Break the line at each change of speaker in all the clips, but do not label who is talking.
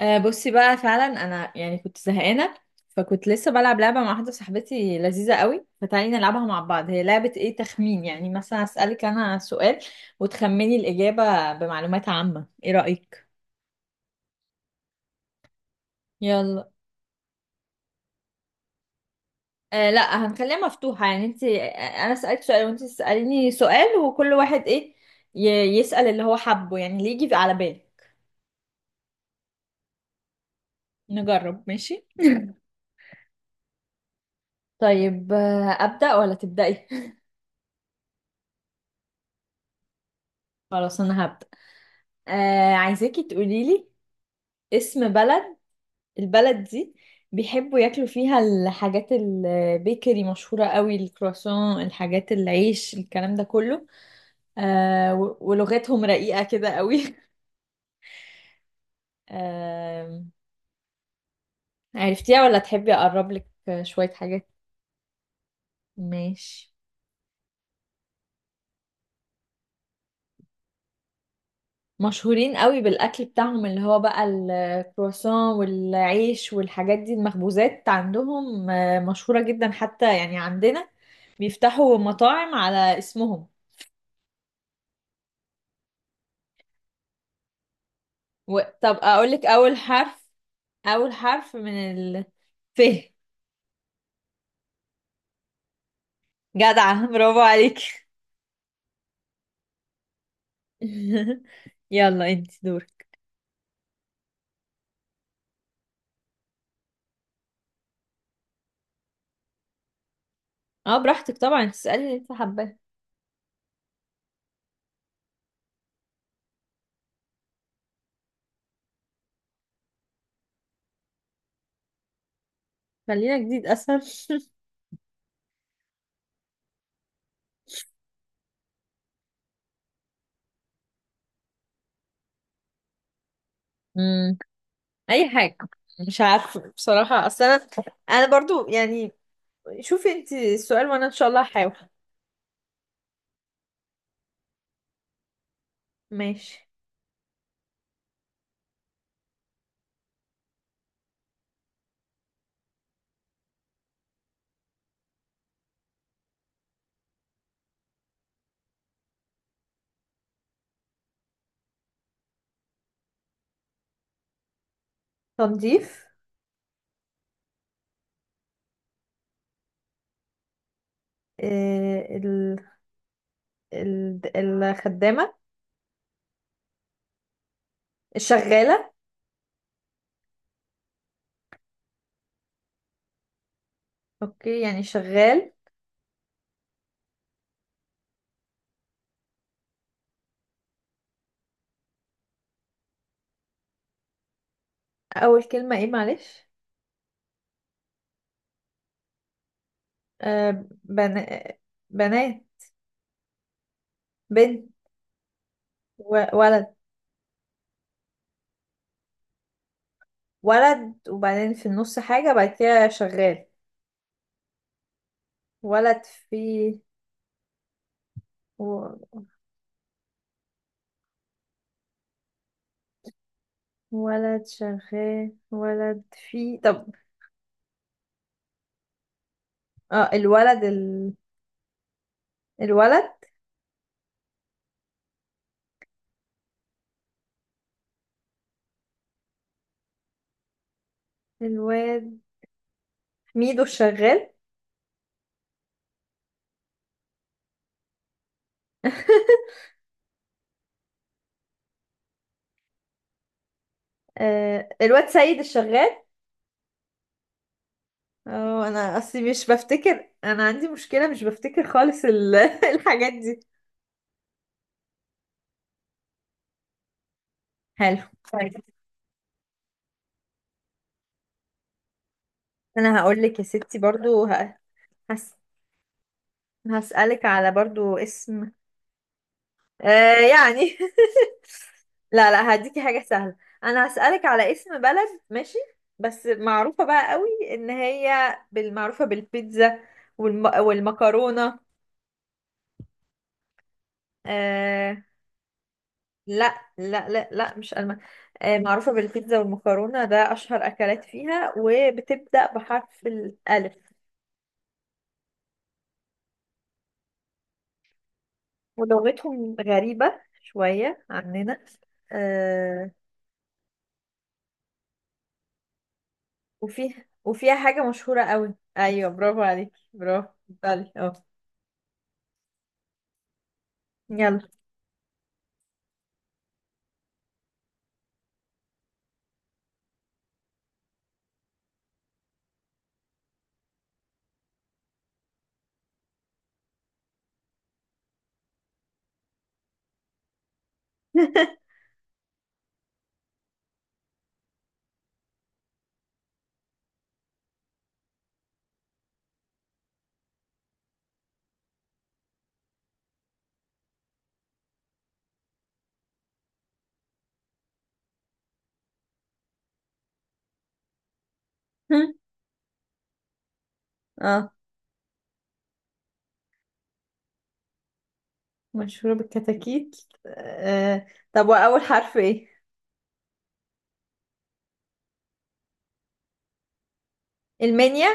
آه، بصي بقى فعلا انا يعني كنت زهقانه، فكنت لسه بلعب لعبه مع واحده صاحبتي لذيذه قوي، فتعالي نلعبها مع بعض. هي لعبه ايه؟ تخمين، يعني مثلا اسالك انا سؤال وتخمني الاجابه بمعلومات عامه. ايه رايك؟ يلا. آه لا، هنخليها مفتوحه، يعني انت انا اسالك سؤال وانت تساليني سؤال، وكل واحد ايه ي- يسال اللي هو حبه، يعني اللي يجي على بالك. نجرب، ماشي. طيب ابدا ولا تبداي؟ خلاص انا هبدا. آه عايزاكي تقولي لي اسم بلد. البلد دي بيحبوا ياكلوا فيها الحاجات البيكري، مشهورة قوي الكرواسون، الحاجات، العيش، الكلام ده كله. آه ولغتهم رقيقة كده قوي. آه، عرفتيها ولا تحبي أقرب لك شوية حاجات؟ ماشي. مشهورين قوي بالأكل بتاعهم، اللي هو بقى الكرواسون والعيش والحاجات دي، المخبوزات عندهم مشهورة جدا، حتى يعني عندنا بيفتحوا مطاعم على اسمهم. و... طب أقولك أول حرف؟ أول حرف من ال... ف. جدعة، برافو عليك. يلا انت دور. اه براحتك طبعا، تسألي اللي انت حباه. خلينا جديد اسهل. مم. أي حاجة، مش عارفة بصراحة، أصل أنا برضو يعني، شوفي انت السؤال وأنا إن شاء الله هحاول. ماشي. تنظيف. آه ال... الخدامة. الشغالة. اوكي يعني شغال. أول كلمة ايه؟ معلش. آه بنا... بنات. بنت ولد. ولد، وبعدين في النص حاجة بعد كده شغال. ولد في... و... ولد شغال، ولد في... طب، اه الولد الولد. الواد ميدو الشغال. آه، الواد سيد الشغال. اه انا اصلي مش بفتكر، انا عندي مشكلة مش بفتكر خالص الحاجات دي. حلو. طيب انا هقول لك يا ستي برضو هس... هسألك على برضو اسم. آه يعني لا لا، هديكي حاجة سهلة. انا هسألك على اسم بلد، ماشي؟ بس معروفة بقى قوي، ان هي بالمعروفة بالبيتزا والمكرونة. آه... لا لا لا لا، مش آه معروفة بالبيتزا والمكرونة، ده اشهر اكلات فيها، وبتبدأ بحرف الالف، ولغتهم غريبة شوية عننا. آه... وفيه، وفيها حاجة مشهورة قوي. ايوه، برافو عليك، برافو، بالي اه. يلا. اه مشهورة بالكتاكيت. آه. طب وأول حرف إيه؟ المنيا.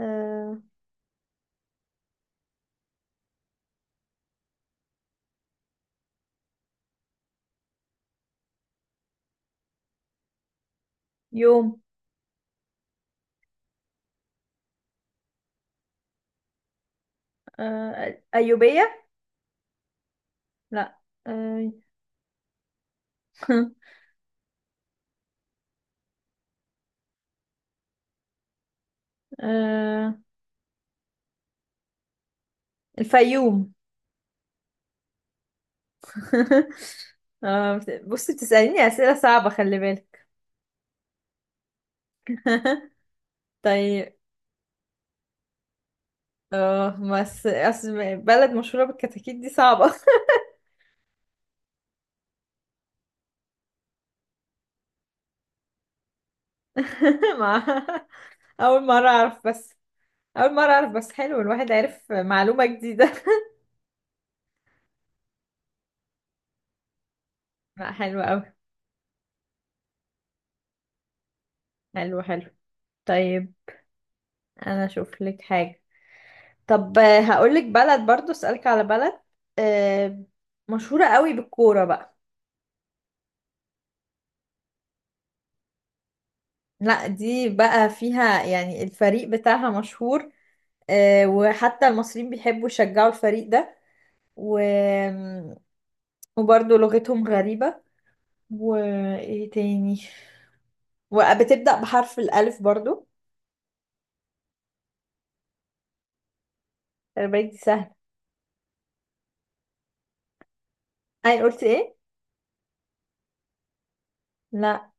آه. يوم. آه. أيوبية. لا. آه. آه. الفيوم. آه. بصي بتسأليني أسئلة صعبة، خلي بالك. طيب، اه بس أصل بلد مشهورة بالكتاكيت دي صعبة. مع، أول مرة أعرف بس. أول مرة أعرف بس، حلو، الواحد عرف معلومة جديدة. لا حلو أوي، حلو حلو. طيب انا اشوف لك حاجة. طب هقول لك بلد، برضو اسألك على بلد. آه، مشهورة قوي بالكورة بقى. لا دي بقى فيها يعني الفريق بتاعها مشهور، وحتى المصريين بيحبوا يشجعوا الفريق ده، و... وبرضو لغتهم غريبة، وايه تاني، وبتبدأ بحرف الألف برضو. خلي بالك دي سهلة. اي قلت ايه؟ لا.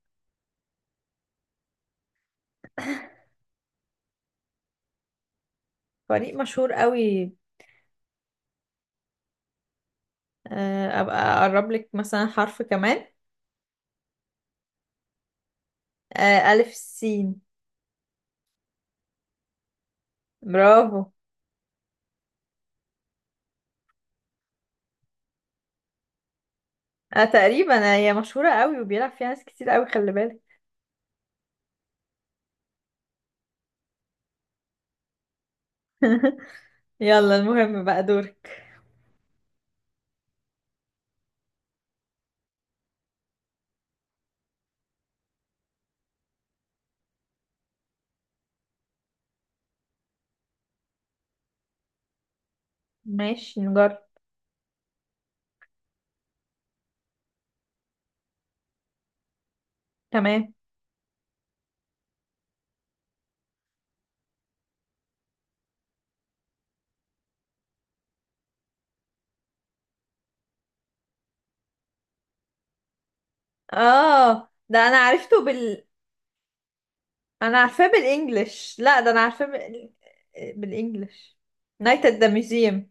فريق مشهور قوي، ابقى اقرب لك مثلا حرف كمان. ألف سين. برافو. انا تقريبا هي مشهورة قوي وبيلعب فيها ناس كتير قوي، خلي بالك. يلا، المهم بقى دورك. ماشي، نجرب. تمام. اه ده انا عرفته بال... انا عارفاه بالانجلش، لا ده انا عارفاه بالانجلش. نايت ات ذا ميوزيوم.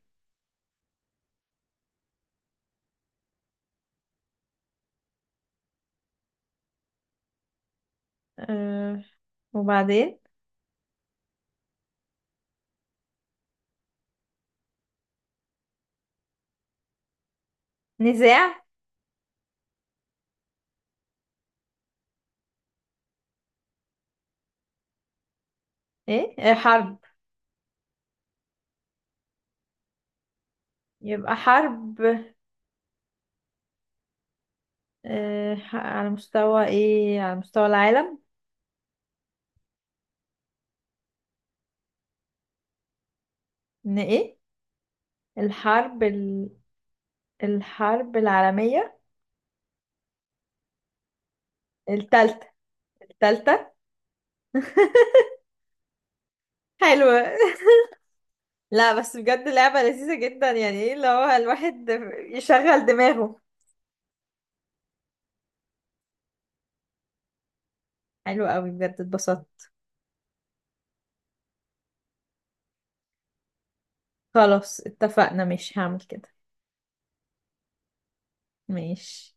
آه. وبعدين؟ نزاع. ايه آه، حرب. يبقى حرب. آه على مستوى ايه، على مستوى العالم. ان ايه؟ الحرب الحرب العالمية. التالتة. التالتة. حلوة. لا بس بجد لعبة لذيذة جدا، يعني ايه اللي هو الواحد يشغل دماغه. حلو قوي بجد، اتبسطت. خلاص اتفقنا، مش هعمل كده. ماشي.